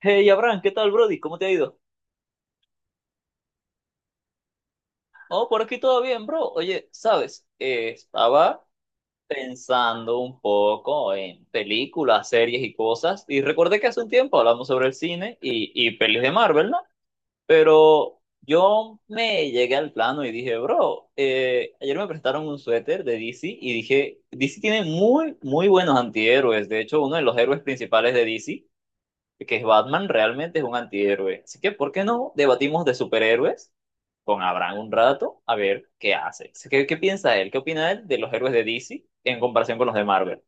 Hey, Abraham, ¿qué tal, Brody? ¿Cómo te ha ido? Oh, por aquí todo bien, bro. Oye, ¿sabes? Estaba pensando un poco en películas, series y cosas, y recordé que hace un tiempo hablamos sobre el cine y pelis de Marvel, ¿no? Pero yo me llegué al plano y dije, bro, ayer me prestaron un suéter de DC y dije, DC tiene muy, muy buenos antihéroes. De hecho, uno de los héroes principales de DC que Batman realmente es un antihéroe. Así que, ¿por qué no debatimos de superhéroes con Abraham un rato a ver qué hace? ¿Así que qué piensa él? ¿Qué opina él de los héroes de DC en comparación con los de Marvel?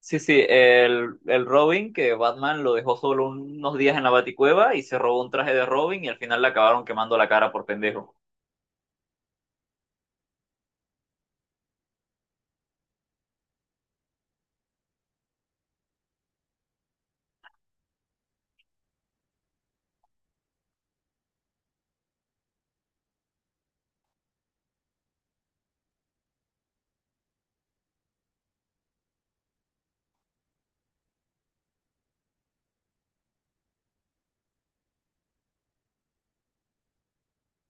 Sí, sí, el Robin que Batman lo dejó solo unos días en la Baticueva y se robó un traje de Robin y al final le acabaron quemando la cara por pendejo.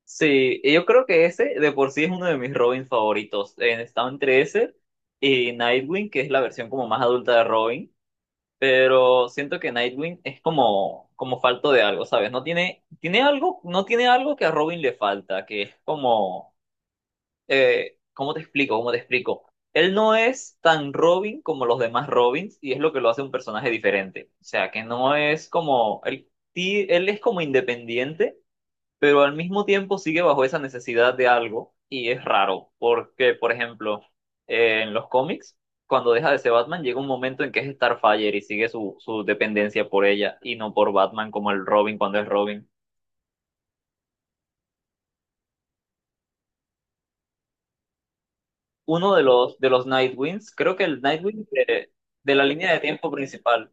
Sí, y yo creo que ese de por sí es uno de mis Robins favoritos. Está entre ese y Nightwing, que es la versión como más adulta de Robin. Pero siento que Nightwing es como falto de algo, ¿sabes? No tiene, tiene algo, no tiene algo que a Robin le falta, que es como, ¿cómo te explico? ¿Cómo te explico? Él no es tan Robin como los demás Robins y es lo que lo hace un personaje diferente. O sea, que no es como, él es como independiente pero al mismo tiempo sigue bajo esa necesidad de algo y es raro, porque, por ejemplo, en los cómics, cuando deja de ser Batman, llega un momento en que es Starfire y sigue su dependencia por ella y no por Batman como el Robin cuando es Robin. Uno de los Nightwings, creo que el Nightwing de la línea de tiempo principal.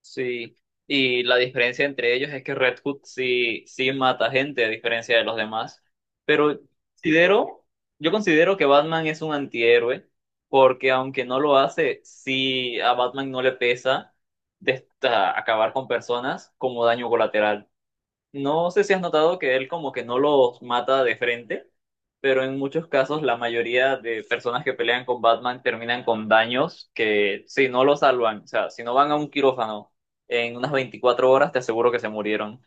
Sí, y la diferencia entre ellos es que Red Hood sí, sí mata gente, a diferencia de los demás. Pero considero, yo considero que Batman es un antihéroe, porque aunque no lo hace, sí a Batman no le pesa acabar con personas como daño colateral. No sé si has notado que él como que no los mata de frente, pero en muchos casos la mayoría de personas que pelean con Batman terminan con daños que si no lo salvan, o sea, si no van a un quirófano en unas 24 horas, te aseguro que se murieron.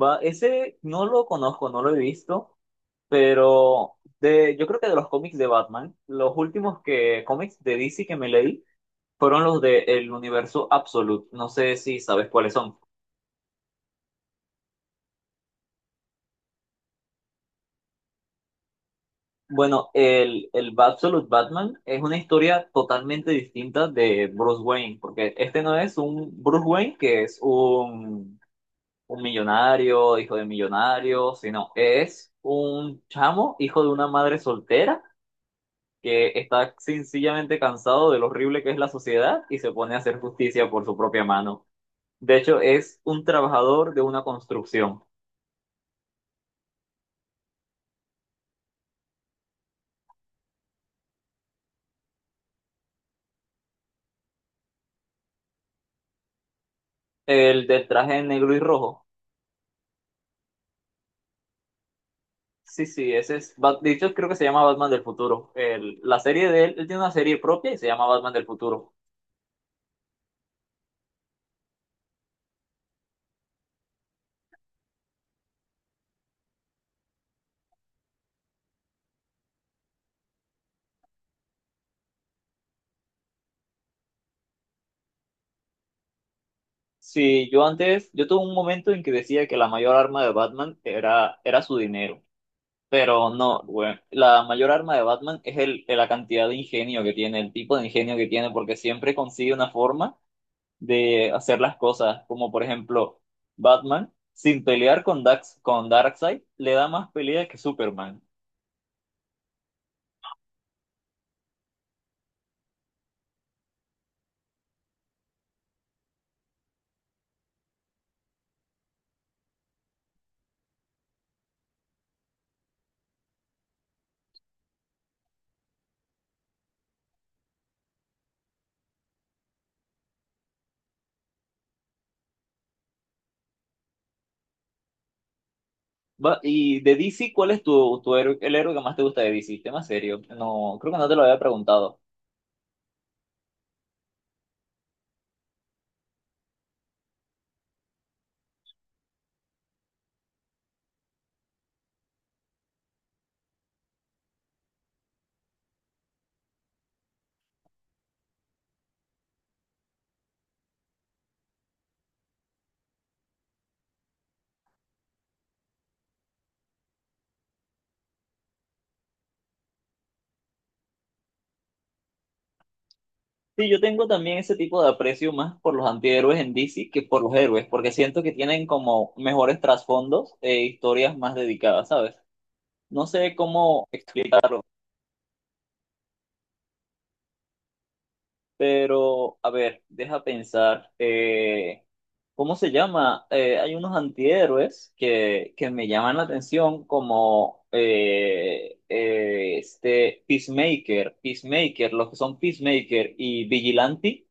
Va, ese no lo conozco, no lo he visto, pero de, yo creo que de los cómics de Batman, los últimos que cómics de DC que me leí fueron los de el universo Absolute. No sé si sabes cuáles son. Bueno, el Absolute Batman es una historia totalmente distinta de Bruce Wayne, porque este no es un Bruce Wayne que es un millonario, hijo de millonario, sino es un chamo, hijo de una madre soltera, que está sencillamente cansado de lo horrible que es la sociedad y se pone a hacer justicia por su propia mano. De hecho, es un trabajador de una construcción. El del traje negro y rojo. Sí, sí, ese es. De hecho, creo que se llama Batman del futuro. La serie de él, él tiene una serie propia y se llama Batman del futuro. Sí, yo antes, yo tuve un momento en que decía que la mayor arma de Batman era su dinero. Pero no, bueno, la mayor arma de Batman es la cantidad de ingenio que tiene, el tipo de ingenio que tiene, porque siempre consigue una forma de hacer las cosas. Como por ejemplo, Batman, sin pelear con Dax, con Darkseid, le da más pelea que Superman. Y de DC, ¿cuál es tu héroe, el héroe que más te gusta de DC? Tema serio. No, creo que no te lo había preguntado. Sí, yo tengo también ese tipo de aprecio más por los antihéroes en DC que por los héroes, porque siento que tienen como mejores trasfondos e historias más dedicadas, ¿sabes? No sé cómo explicarlo. Pero, a ver, deja pensar, ¿cómo se llama? Hay unos antihéroes que me llaman la atención como este Peacemaker, los que son Peacemaker y Vigilante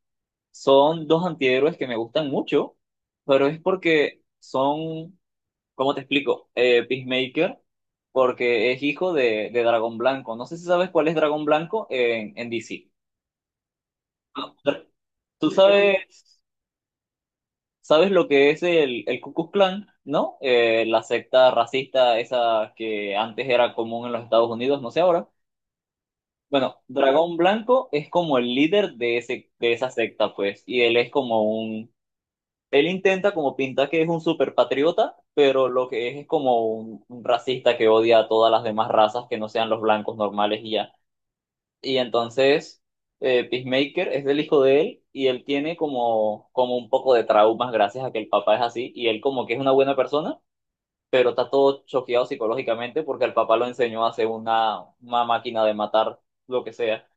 son dos antihéroes que me gustan mucho, pero es porque son, ¿cómo te explico? Peacemaker, porque es hijo de Dragón Blanco. No sé si sabes cuál es Dragón Blanco en DC. ¿Tú sabes? ¿Sabes lo que es el Ku Klux Klan, no? La secta racista esa que antes era común en los Estados Unidos, no sé ahora. Bueno, Dragón Blanco es como el líder de esa secta, pues, y él es como un, él intenta como pintar que es un super patriota, pero lo que es como un racista que odia a todas las demás razas que no sean los blancos normales y ya. Y entonces, Peacemaker es del hijo de él y él tiene como un poco de traumas gracias a que el papá es así y él como que es una buena persona, pero está todo choqueado psicológicamente porque el papá lo enseñó a hacer una máquina de matar lo que sea.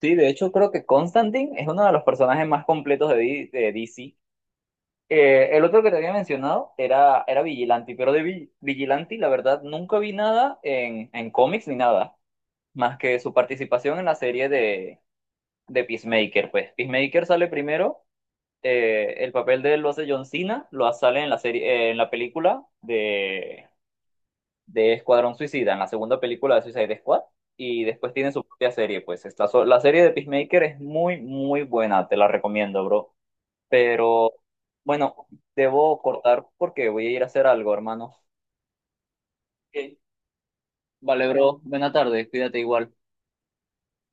Sí, de hecho creo que Constantine es uno de los personajes más completos de DC. El otro que te había mencionado era Vigilante, pero de Vigilante la verdad nunca vi nada en cómics ni nada, más que su participación en la serie de Peacemaker, pues. Peacemaker sale primero, el papel de él lo hace John Cena, sale en la serie, en la película de Escuadrón Suicida, en la segunda película de Suicide Squad, y después tiene su propia serie, pues. La serie de Peacemaker es muy, muy buena, te la recomiendo, bro. Pero, bueno, debo cortar porque voy a ir a hacer algo, hermano. Ok. Vale, bro, buena tarde, cuídate igual.